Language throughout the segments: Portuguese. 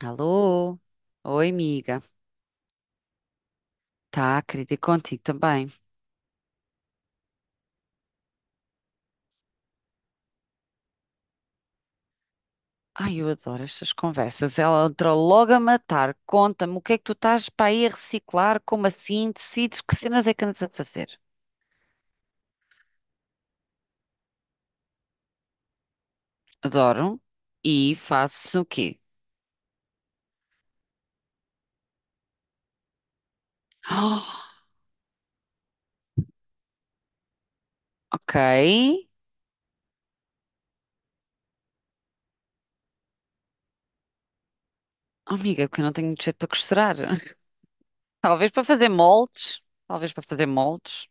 Alô? Oi, amiga. Tá, querida, e contigo também. Ai, eu adoro estas conversas. Ela entrou logo a matar. Conta-me o que é que tu estás para aí a reciclar? Como assim? Decides que cenas é que andas a fazer? Adoro. E faço o quê? Ah, ok. Oh, amiga, é porque eu não tenho jeito para costurar. Talvez para fazer moldes. Talvez para fazer moldes.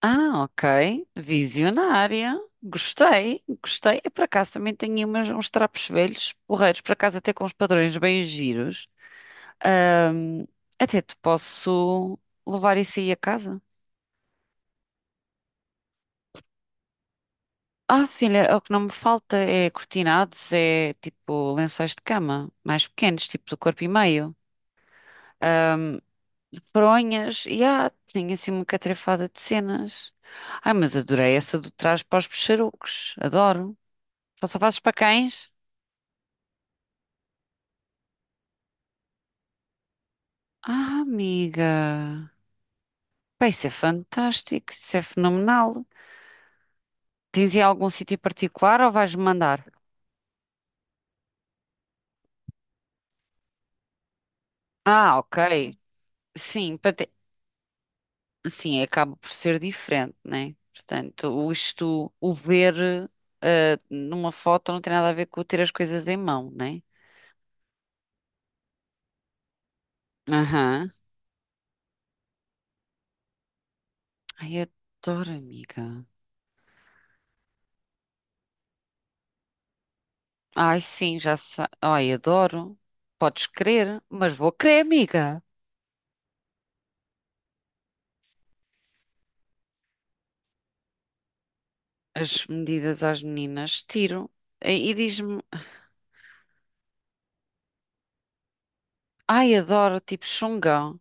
Ah, ok. Visionária. Gostei, gostei. E por acaso, também tenho uns trapos velhos, porreiros, por acaso, até com os padrões bem giros. Ahm, Até te posso levar isso aí a casa. Ah, filha, é o que não me falta é cortinados, é tipo lençóis de cama, mais pequenos, tipo do corpo e meio. Fronhas, e tinha assim uma catrefada de cenas. Ai, mas adorei essa do trás para os peixarucos, adoro. Só fazes para cães? Ah, amiga. Pá, isso é fantástico, isso é fenomenal. Tens aí algum sítio particular ou vais mandar? Ah, ok. Sim, para te- sim, acaba por ser diferente, né? Portanto, o ver numa foto não tem nada a ver com ter as coisas em mão, né? Aham. Ai, adoro, amiga. Ai, sim, já sei. Ai, adoro. Podes querer, mas vou querer, amiga. As medidas às meninas, tiro. E diz-me. Ai, adoro, tipo Xungão,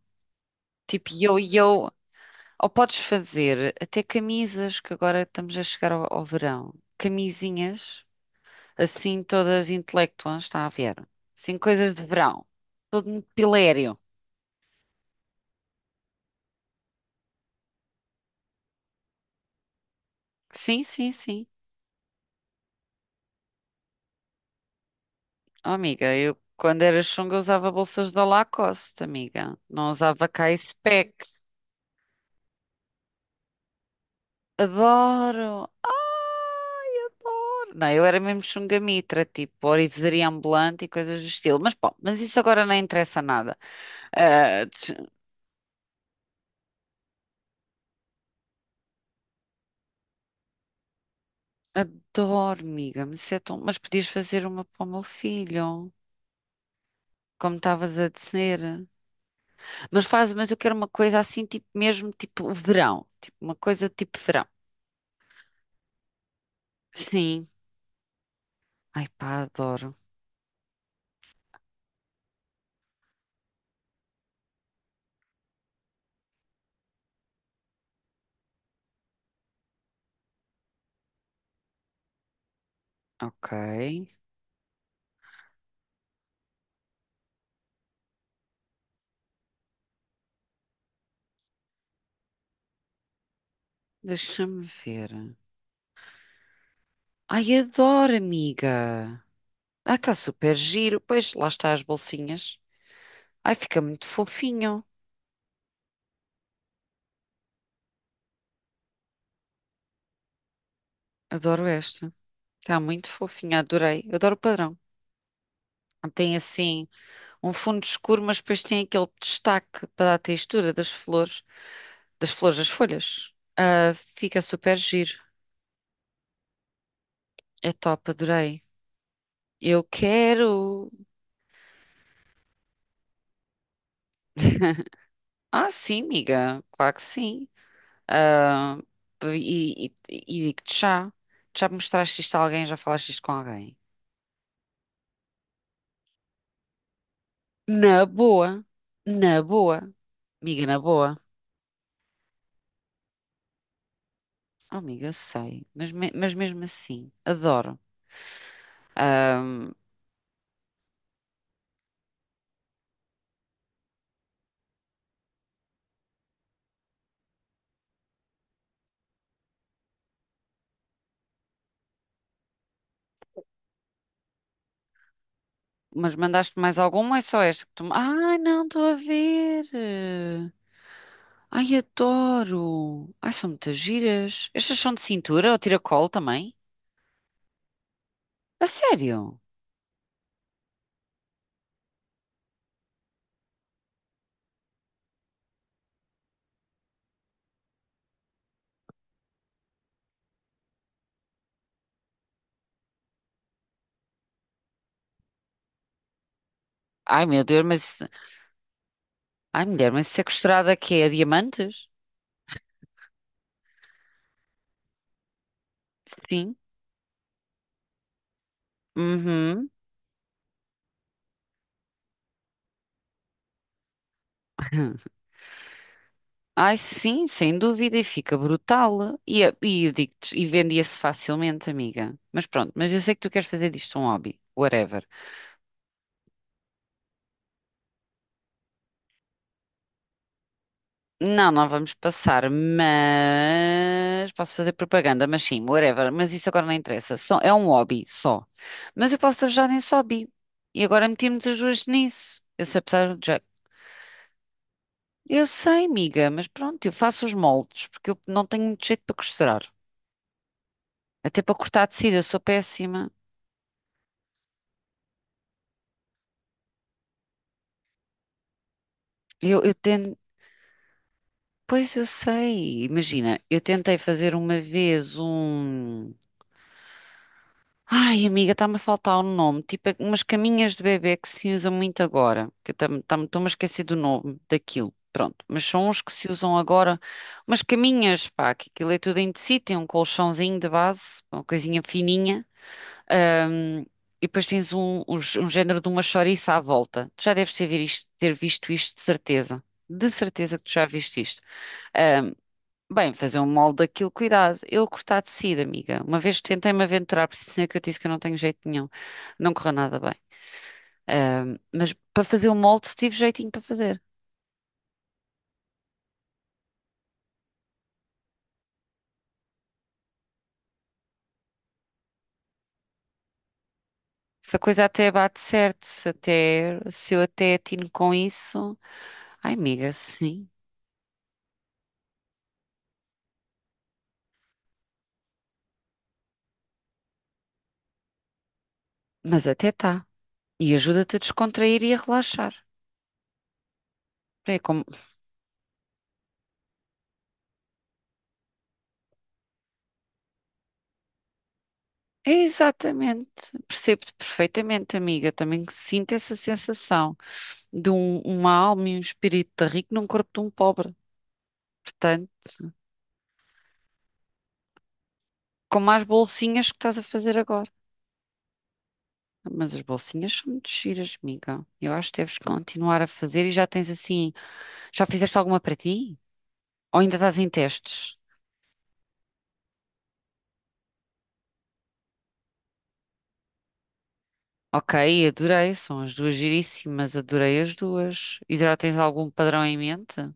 tipo yo-yo. Ou podes fazer até camisas, que agora estamos a chegar ao verão. Camisinhas, assim todas intelectuais, está a ver? Assim, coisas de verão. Todo muito pilério. Sim, sim, sim. Oh, amiga, eu quando era Xunga usava bolsas da Lacoste, amiga. Não usava K-Spec. Adoro! Ai, adoro! Não, eu era mesmo chungamitra, tipo orivesaria ambulante e coisas do estilo. Mas bom, mas isso agora não interessa nada. Ah, tch- Adoro, amiga, mas isso é tão… mas podias fazer uma para o meu filho, como estavas a dizer. Mas faz, mas eu quero uma coisa assim, tipo mesmo, tipo verão. Tipo uma coisa tipo verão. Sim. Ai pá, adoro. Ok. Deixa-me ver. Ai, adoro, amiga. Ah, está super giro. Pois, lá está as bolsinhas. Ai, fica muito fofinho. Adoro esta. Está muito fofinha, adorei. Eu adoro o padrão. Tem assim um fundo escuro, mas depois tem aquele destaque para dar a textura das flores, das flores das folhas. Ah, fica super giro. É top, adorei. Eu quero. Ah, sim, amiga, claro que sim. Ah, e digo-te já. Já mostraste isto a alguém? Já falaste isto com alguém? Na boa, na boa, amiga, na boa. Oh, amiga, eu sei, mas mesmo assim, adoro. Ahm, mas mandaste mais alguma ou é só esta que tu. Ai, não, estou a ver. Ai, adoro. Ai, são muitas giras. Estas são de cintura ou tiracolo também? A sério? Ai, meu Deus, mas. Ai, mulher, mas isso é costurada que é a diamantes? Sim. Uhum. Ai, sim, sem dúvida, e fica brutal. E eu digo-te, e vendia-se facilmente, amiga. Mas pronto, mas eu sei que tu queres fazer disto um hobby, whatever. Não, não vamos passar, mas posso fazer propaganda, mas sim, whatever. Mas isso agora não interessa, só, é um hobby só. Mas eu posso trabalhar nesse hobby. E agora metemos as duas nisso. Eu sei, apesar de já. Eu sei, amiga, mas pronto, eu faço os moldes, porque eu não tenho muito jeito para costurar. Até para cortar tecido, eu sou péssima. Eu tento. Pois eu sei, imagina, eu tentei fazer uma vez um. Ai, amiga, está-me a faltar o nome, tipo é umas caminhas de bebê que se usam muito agora, que eu estou-me a esquecer do nome daquilo, pronto, mas são uns que se usam agora, umas caminhas, pá, que aquilo é tudo em tecido, tem um colchãozinho de base, uma coisinha fininha, ahm, e depois tens um género de uma chouriça à volta. Tu já deves ter visto isto, de certeza que tu já viste isto. Hum, Bem, fazer um molde daquilo, cuidado. Eu a cortar tecido, amiga. Uma vez tentei-me aventurar, por isso é que eu disse que eu não tenho jeito nenhum. Não correu nada bem. Mas para fazer o molde tive jeitinho para fazer. Se a coisa até bate certo, se eu até atino com isso. Ai, amiga, sim. Mas até tá. E ajuda-te a descontrair e a relaxar. É como… é exatamente. Percebo-te perfeitamente, amiga. Também sinto essa sensação uma alma e um espírito de rico num corpo de um pobre. Portanto, como as bolsinhas que estás a fazer agora. Mas as bolsinhas são muito giras, amiga. Eu acho que deves continuar a fazer e já tens assim. Já fizeste alguma para ti? Ou ainda estás em testes? Ok, adorei. São as duas giríssimas. Adorei as duas. E já tens algum padrão em mente?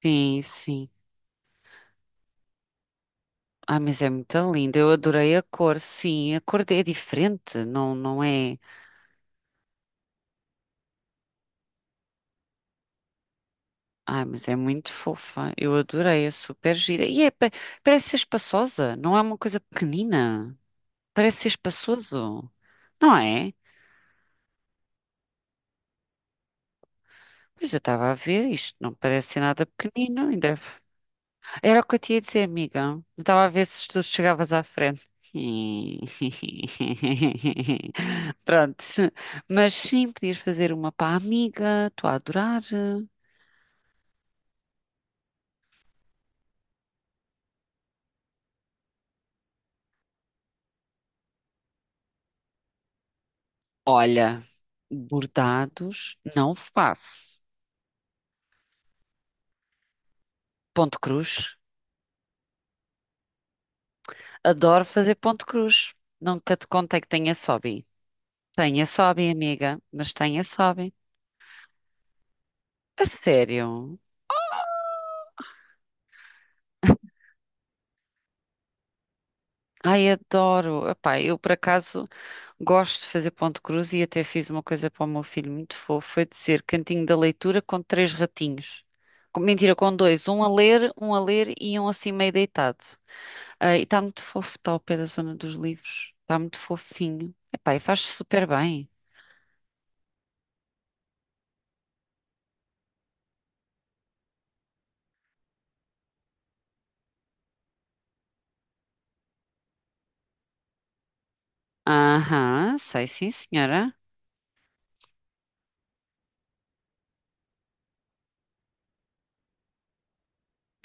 Sim, sim. Ah, mas é muito linda. Eu adorei a cor. Sim, a cor é diferente. Não, não é. Ah, mas é muito fofa. Eu adorei. É super gira. Parece ser espaçosa. Não é uma coisa pequenina. Parece ser espaçoso, não é? Pois eu estava a ver isto, não parece ser nada pequenino ainda. É era o que eu te ia dizer, amiga. Eu estava a ver se tu chegavas à frente. Pronto, mas sim, podias fazer uma para a amiga, estou a adorar. Olha, bordados não faço. Ponto cruz. Adoro fazer ponto cruz. Nunca te contei que tenho esse hobby. Tenho esse hobby, amiga, mas tenho esse hobby. A sério? Ai, adoro. Epá, eu por acaso gosto de fazer ponto de cruz e até fiz uma coisa para o meu filho muito fofo, foi dizer cantinho da leitura com três ratinhos. Com- mentira, com dois, um a ler e um assim meio deitado. Ah, e está muito fofo, está ao pé da zona dos livros. Está muito fofinho. Epá, e faz super bem. Aham, sei sim, senhora.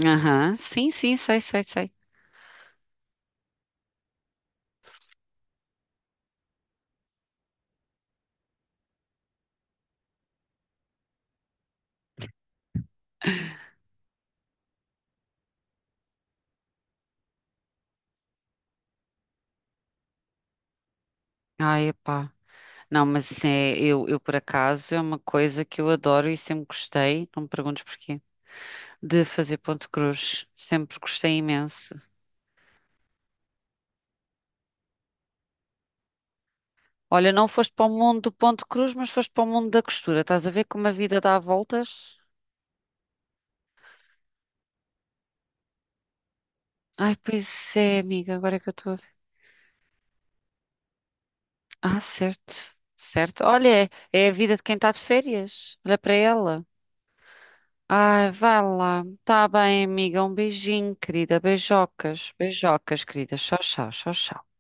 Aham, sim, sim, sei, sei, sei. Ai, epá. Não, mas assim, é, eu por acaso é uma coisa que eu adoro e sempre gostei. Não me perguntes porquê. De fazer Ponte Cruz. Sempre gostei imenso. Olha, não foste para o mundo do Ponte Cruz, mas foste para o mundo da costura. Estás a ver como a vida dá voltas? Ai, pois é, amiga, agora é que eu estou a ver. Ah, certo, certo. Olha, é a vida de quem está de férias. Olha para ela. Ai, vai lá. Tá bem, amiga. Um beijinho, querida. Beijocas, beijocas, querida. Tchau, tchau, tchau, tchau.